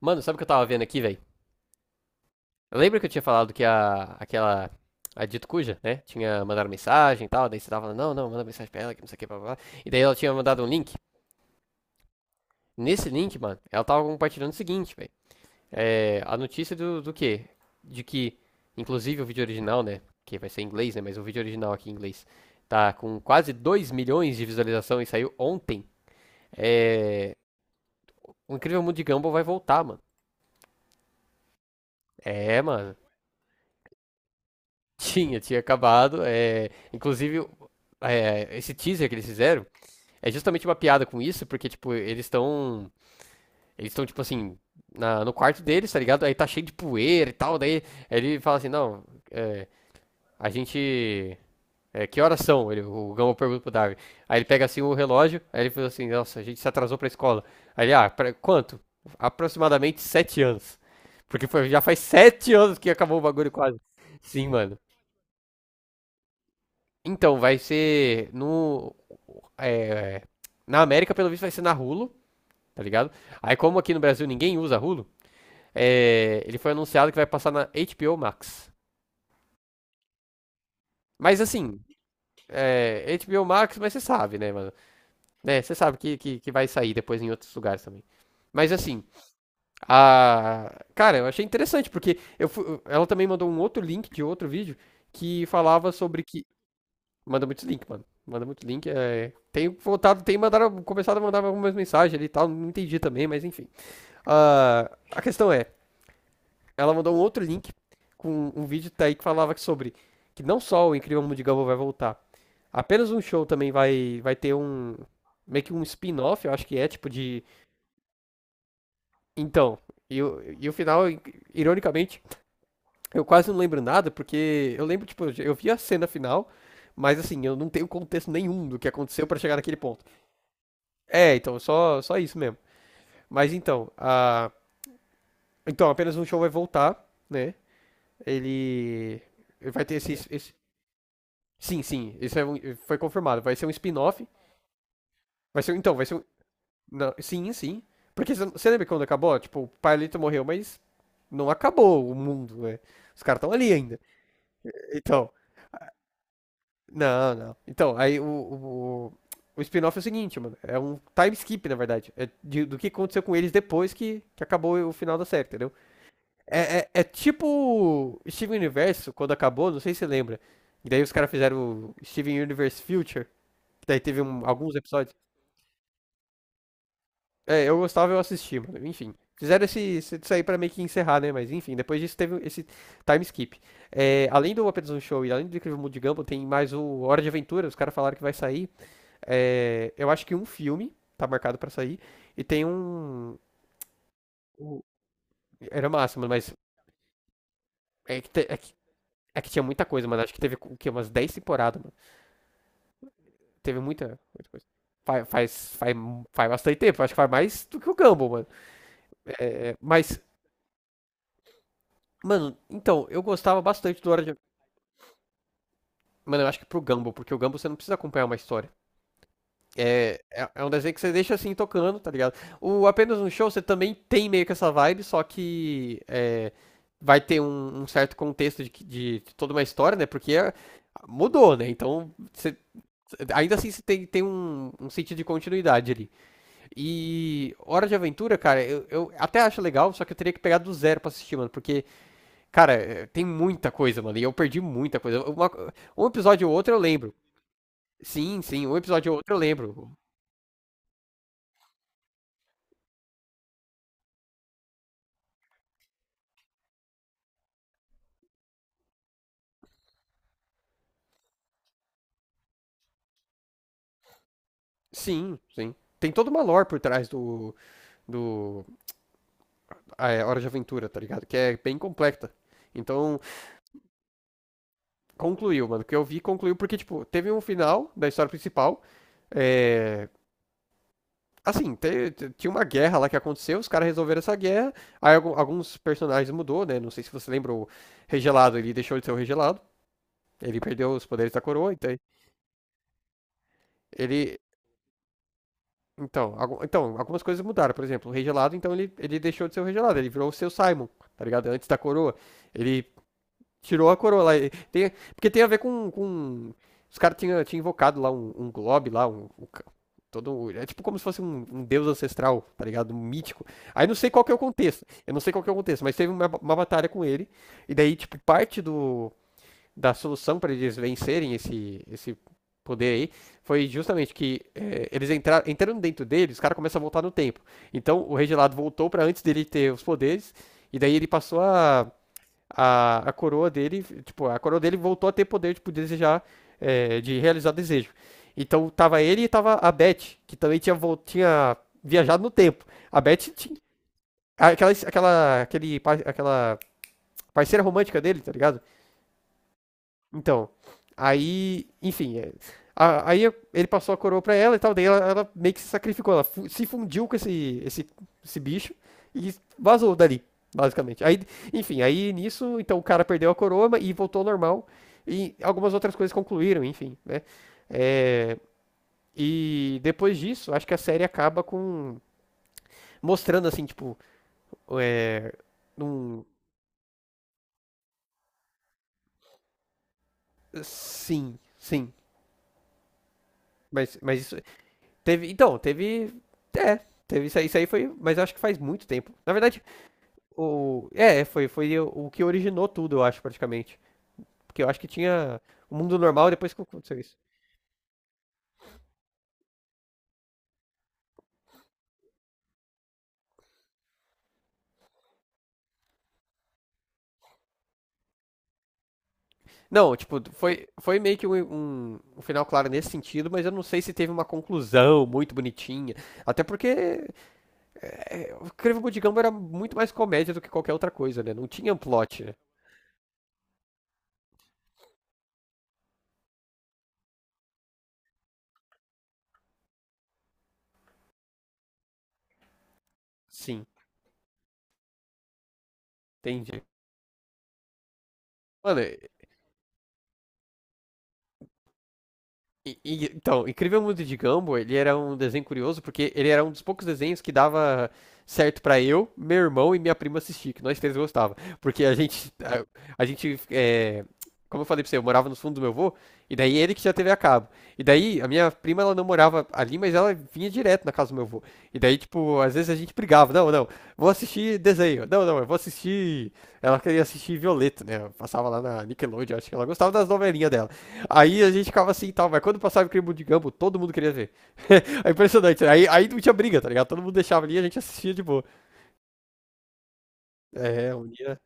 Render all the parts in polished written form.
Mano, sabe o que eu tava vendo aqui, velho? Lembra que eu tinha falado que a Dito Cuja, né? Tinha mandado mensagem e tal, daí você tava falando, não, não, manda mensagem pra ela, que não sei o que, blá, blá, blá. E daí ela tinha mandado um link. Nesse link, mano, ela tava compartilhando o seguinte, velho. É, a notícia do quê? De que, inclusive o vídeo original, né? Que vai ser em inglês, né? Mas o vídeo original aqui em inglês tá com quase 2 milhões de visualização e saiu ontem. É, o Incrível Mundo de Gumball vai voltar, mano. É, mano. Tinha acabado. É, inclusive, é, esse teaser que eles fizeram é justamente uma piada com isso, porque, tipo, eles estão. Eles estão, tipo assim, no quarto deles, tá ligado? Aí tá cheio de poeira e tal. Daí ele fala assim: não, é, a gente. É, que horas são? O Gama pergunta pro Darwin. Aí ele pega assim o relógio, aí ele fala assim: nossa, a gente se atrasou pra escola. Aí ele, ah, quanto? Aproximadamente 7 anos. Porque já faz 7 anos que acabou o bagulho quase. Sim, mano. Então, vai ser no. é, na América, pelo visto, vai ser na Hulu, tá ligado? Aí, como aqui no Brasil ninguém usa Hulu, é, ele foi anunciado que vai passar na HBO Max. Mas assim, é, HBO Max, mas você sabe, né, mano? Né, você sabe que vai sair depois em outros lugares também. Mas assim, a. Cara, eu achei interessante, porque ela também mandou um outro link de outro vídeo que falava sobre que Manda muitos links, mano. Manda muito link. É... Tem voltado, tem mandaram, começado a mandar algumas mensagens ali e tal. Não entendi também, mas enfim. Ah, a questão é, ela mandou um outro link com um vídeo tá aí que falava sobre que não só o Incrível Mundo de Gumball vai voltar, apenas um show também vai ter um meio que um spin-off, eu acho que é tipo de então. E o final, ironicamente, eu quase não lembro nada, porque eu lembro, tipo, eu vi a cena final, mas assim, eu não tenho contexto nenhum do que aconteceu pra chegar naquele ponto. É, então, só, só isso mesmo. Mas então, então, apenas um show vai voltar, né? Ele, ele vai ter Sim, sim, isso é um- foi confirmado. Vai ser um spin-off. Vai ser, então, vai ser um... não, sim, sim. Porque você lembra quando acabou? Tipo, o Pailito morreu, mas não acabou o mundo, né? Os caras estão ali ainda. Então, não, não. Então, aí o, o spin-off é o seguinte, mano. É um time skip, na verdade. É do que aconteceu com eles depois que acabou o final da série, entendeu? É tipo Steven Universe quando acabou, não sei se você lembra. E daí os caras fizeram o Steven Universe Future, que daí teve alguns episódios. É, eu gostava, eu assisti, mano. Enfim. Fizeram isso aí pra meio que encerrar, né? Mas enfim, depois disso teve esse time skip. É, além do Apenas um Show e além do Incrível Mundo de Gumball, tem mais o Hora de Aventura, os caras falaram que vai sair. É, eu acho que um filme tá marcado pra sair. E tem um. o- Era massa, mano, mas é que, te- é que tinha muita coisa, mano. Acho que teve o quê? Umas 10 temporadas, mano. Teve muita, muita coisa. Faz, faz, faz, faz bastante tempo, acho que faz mais do que o Gumball, mano. Mas, mano, então, eu gostava bastante do Hora de. Mano, eu acho que pro Gumball, porque o Gumball você não precisa acompanhar uma história. É, é, é um desenho que você deixa assim tocando, tá ligado? O Apenas um Show você também tem meio que essa vibe, só que é, vai ter um, um certo contexto de toda uma história, né? Porque é- mudou, né? Então, você- ainda assim você tem, tem um, um sentido de continuidade ali. E Hora de Aventura, cara, eu até acho legal, só que eu teria que pegar do zero pra assistir, mano. Porque, cara, é, tem muita coisa, mano. E eu perdi muita coisa. Uma- um episódio ou outro eu lembro. Sim, sim, um episódio ou outro eu lembro. Sim, sim. Tem toda uma lore por trás do ah, é, Hora de Aventura, tá ligado? Que é bem completa. Então, concluiu, mano. O que eu vi concluiu porque, tipo, teve um final da história principal. É, assim, tinha uma guerra lá que aconteceu, os caras resolveram essa guerra, aí alguns personagens mudou, né? Não sei se você lembra o Regelado, ele deixou de ser o Regelado, ele perdeu os poderes da coroa, então ele... Então, então algumas coisas mudaram, por exemplo, o Regelado, então ele deixou de ser o Regelado, ele virou o seu Simon, tá ligado? Antes da coroa, ele tirou a coroa lá, e tem- porque tem a ver com... Os caras tinha invocado lá um globe lá, um Todo, é tipo como se fosse um deus ancestral, tá ligado? Um mítico. Aí não sei qual que é o contexto. Eu não sei qual que é o contexto, mas teve uma batalha com ele. E daí, tipo, parte da solução para eles vencerem esse poder aí foi justamente que é, entrando dentro dele, os caras começam a voltar no tempo. Então o Rei Gelado voltou para antes dele ter os poderes. E daí ele passou a coroa dele, tipo, a coroa dele voltou a ter poder tipo, de desejar, é, de realizar desejo. Então tava ele e tava a Beth, que também tinha viajado no tempo. A Beth tinha aquela parceira romântica dele, tá ligado? Então, aí, enfim, é, aí ele passou a coroa pra ela e tal, daí ela meio que se sacrificou, ela se fundiu com esse bicho e vazou dali, basicamente. Aí, enfim, aí nisso, então o cara perdeu a coroa e voltou ao normal e algumas outras coisas concluíram, enfim, né? É, e depois disso, acho que a série acaba com mostrando assim, tipo, é, num, sim, sim, mas isso, teve, então, teve. É, teve isso aí foi. Mas eu acho que faz muito tempo. Na verdade, o. É, foi o, que originou tudo, eu acho, praticamente. Porque eu acho que tinha o mundo normal depois que aconteceu isso. Não, tipo, foi meio que um final claro nesse sentido, mas eu não sei se teve uma conclusão muito bonitinha. Até porque é, o Incrível Mundo de Gumball era muito mais comédia do que qualquer outra coisa, né? Não tinha um plot, né? Sim, entendi. Mano, então, Incrível Mundo de Gumball, ele era um desenho curioso porque ele era um dos poucos desenhos que dava certo pra eu, meu irmão e minha prima assistir, que nós três gostava, porque a gente, é, como eu falei pra você, eu morava nos fundos do meu avô, e daí ele que já teve a cabo, e daí a minha prima ela não morava ali, mas ela vinha direto na casa do meu avô, e daí tipo às vezes a gente brigava, não, não, vou assistir desenho, não, não, eu vou assistir, ela queria assistir Violeta, né? Eu passava lá na Nickelodeon, acho que ela gostava das novelinhas dela. Aí a gente ficava assim e tal, mas quando passava aquele mundo de Gumball, todo mundo queria ver. É impressionante. Né? Aí, aí não tinha briga, tá ligado? Todo mundo deixava ali e a gente assistia de boa. É, um dia.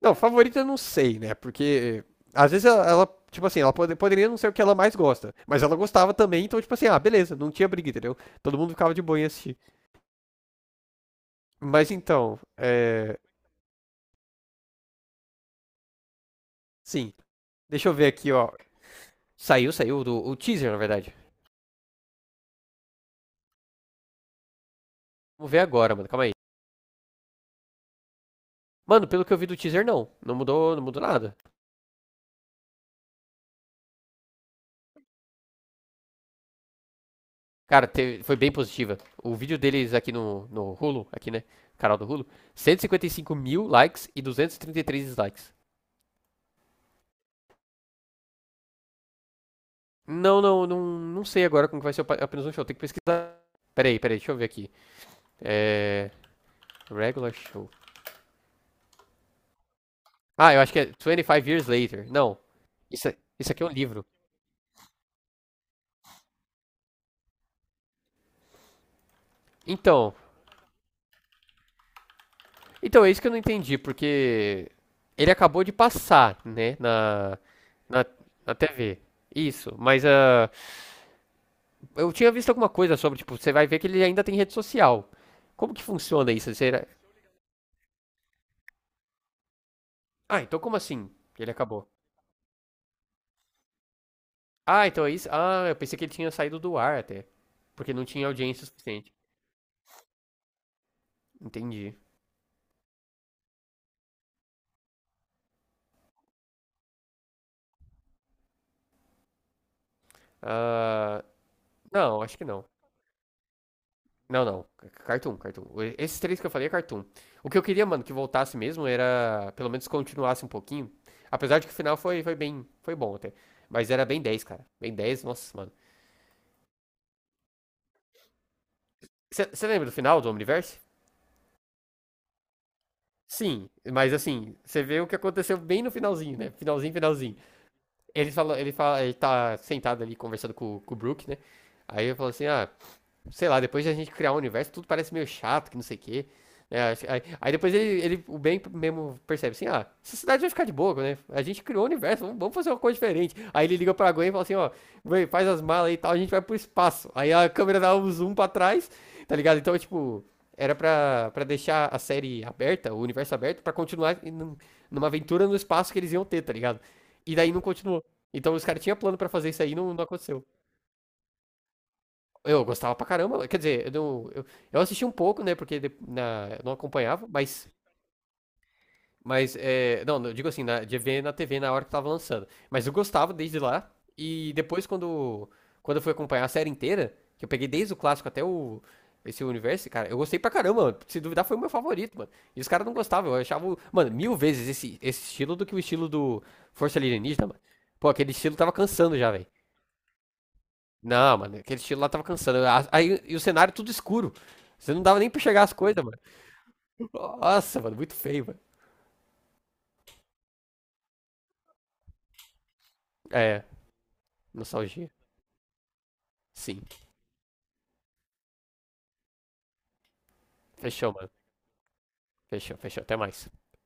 Não, favorita eu não sei, né? Porque às vezes tipo assim, ela poderia não ser o que ela mais gosta, mas ela gostava também, então, tipo assim, ah, beleza, não tinha briga, entendeu? Todo mundo ficava de boa em assistir. Mas então, é. Sim. Deixa eu ver aqui, ó. Saiu o teaser, na verdade. Vamos ver agora, mano, calma aí. Mano, pelo que eu vi do teaser, não. Não mudou nada. Cara, foi bem positiva. O vídeo deles aqui no Hulu, aqui, né? Canal do Hulu, 155 mil likes e 233 dislikes. Não sei agora como que vai ser o apenas um show. Tem que pesquisar. Peraí, peraí, deixa eu ver aqui. É. Regular show. Ah, eu acho que é 25 Years Later. Não. Isso, isso aqui é um livro. Então. Então, é isso que eu não entendi, porque. Ele acabou de passar, né? Na. Na, na TV. Isso. Mas a. Eu tinha visto alguma coisa sobre, tipo, você vai ver que ele ainda tem rede social. Como que funciona isso? Será- Ah, então como assim? Ele acabou. Ah, então é isso. Ah, eu pensei que ele tinha saído do ar até. Porque não tinha audiência suficiente. Entendi. Ah, não, acho que não. Não, não. Cartoon. Esses três que eu falei é Cartoon. O que eu queria, mano, que voltasse mesmo era. Pelo menos continuasse um pouquinho. Apesar de que o final foi bem. Foi bom até. Mas era bem 10, cara. Bem 10, nossa, mano. Você lembra do final do Omniverse? Sim, mas assim, você vê o que aconteceu bem no finalzinho, né? Finalzinho, finalzinho. Ele tá sentado ali conversando com o Brook, né? Aí ele fala assim, ah, sei lá, depois de a gente criar um universo, tudo parece meio chato, que não sei o quê. Né? Aí depois o bem mesmo percebe assim, ah, essa cidade vai ficar de boa, né? A gente criou um universo, vamos fazer uma coisa diferente. Aí ele liga pra Gwen e fala assim, ó, Gwen, faz as malas aí e tal, a gente vai pro espaço. Aí a câmera dá um zoom pra trás, tá ligado? Então, tipo, era pra deixar a série aberta, o universo aberto, pra continuar numa aventura no espaço que eles iam ter, tá ligado? E daí não continuou. Então os caras tinham plano pra fazer isso aí e não, não aconteceu. Eu gostava pra caramba. Quer dizer, eu, não- eu assisti um pouco, né? Porque eu não acompanhava, mas. Mas, é, não, eu digo assim, de ver na TV na hora que tava lançando. Mas eu gostava desde lá. E depois, quando eu fui acompanhar a série inteira, que eu peguei desde o clássico até o, esse universo, cara, eu gostei pra caramba, mano. Se duvidar, foi o meu favorito, mano. E os caras não gostavam. Eu achava, mano, mil vezes esse estilo do que o estilo do Força Alienígena, mano. Pô, aquele estilo tava cansando já, velho. Não, mano, aquele estilo lá tava cansando. Aí, e o cenário tudo escuro. Você não dava nem pra chegar as coisas, mano. Nossa, mano, muito feio, mano. É, nostalgia. Sim. Fechou, mano. Fechou, fechou. Até mais.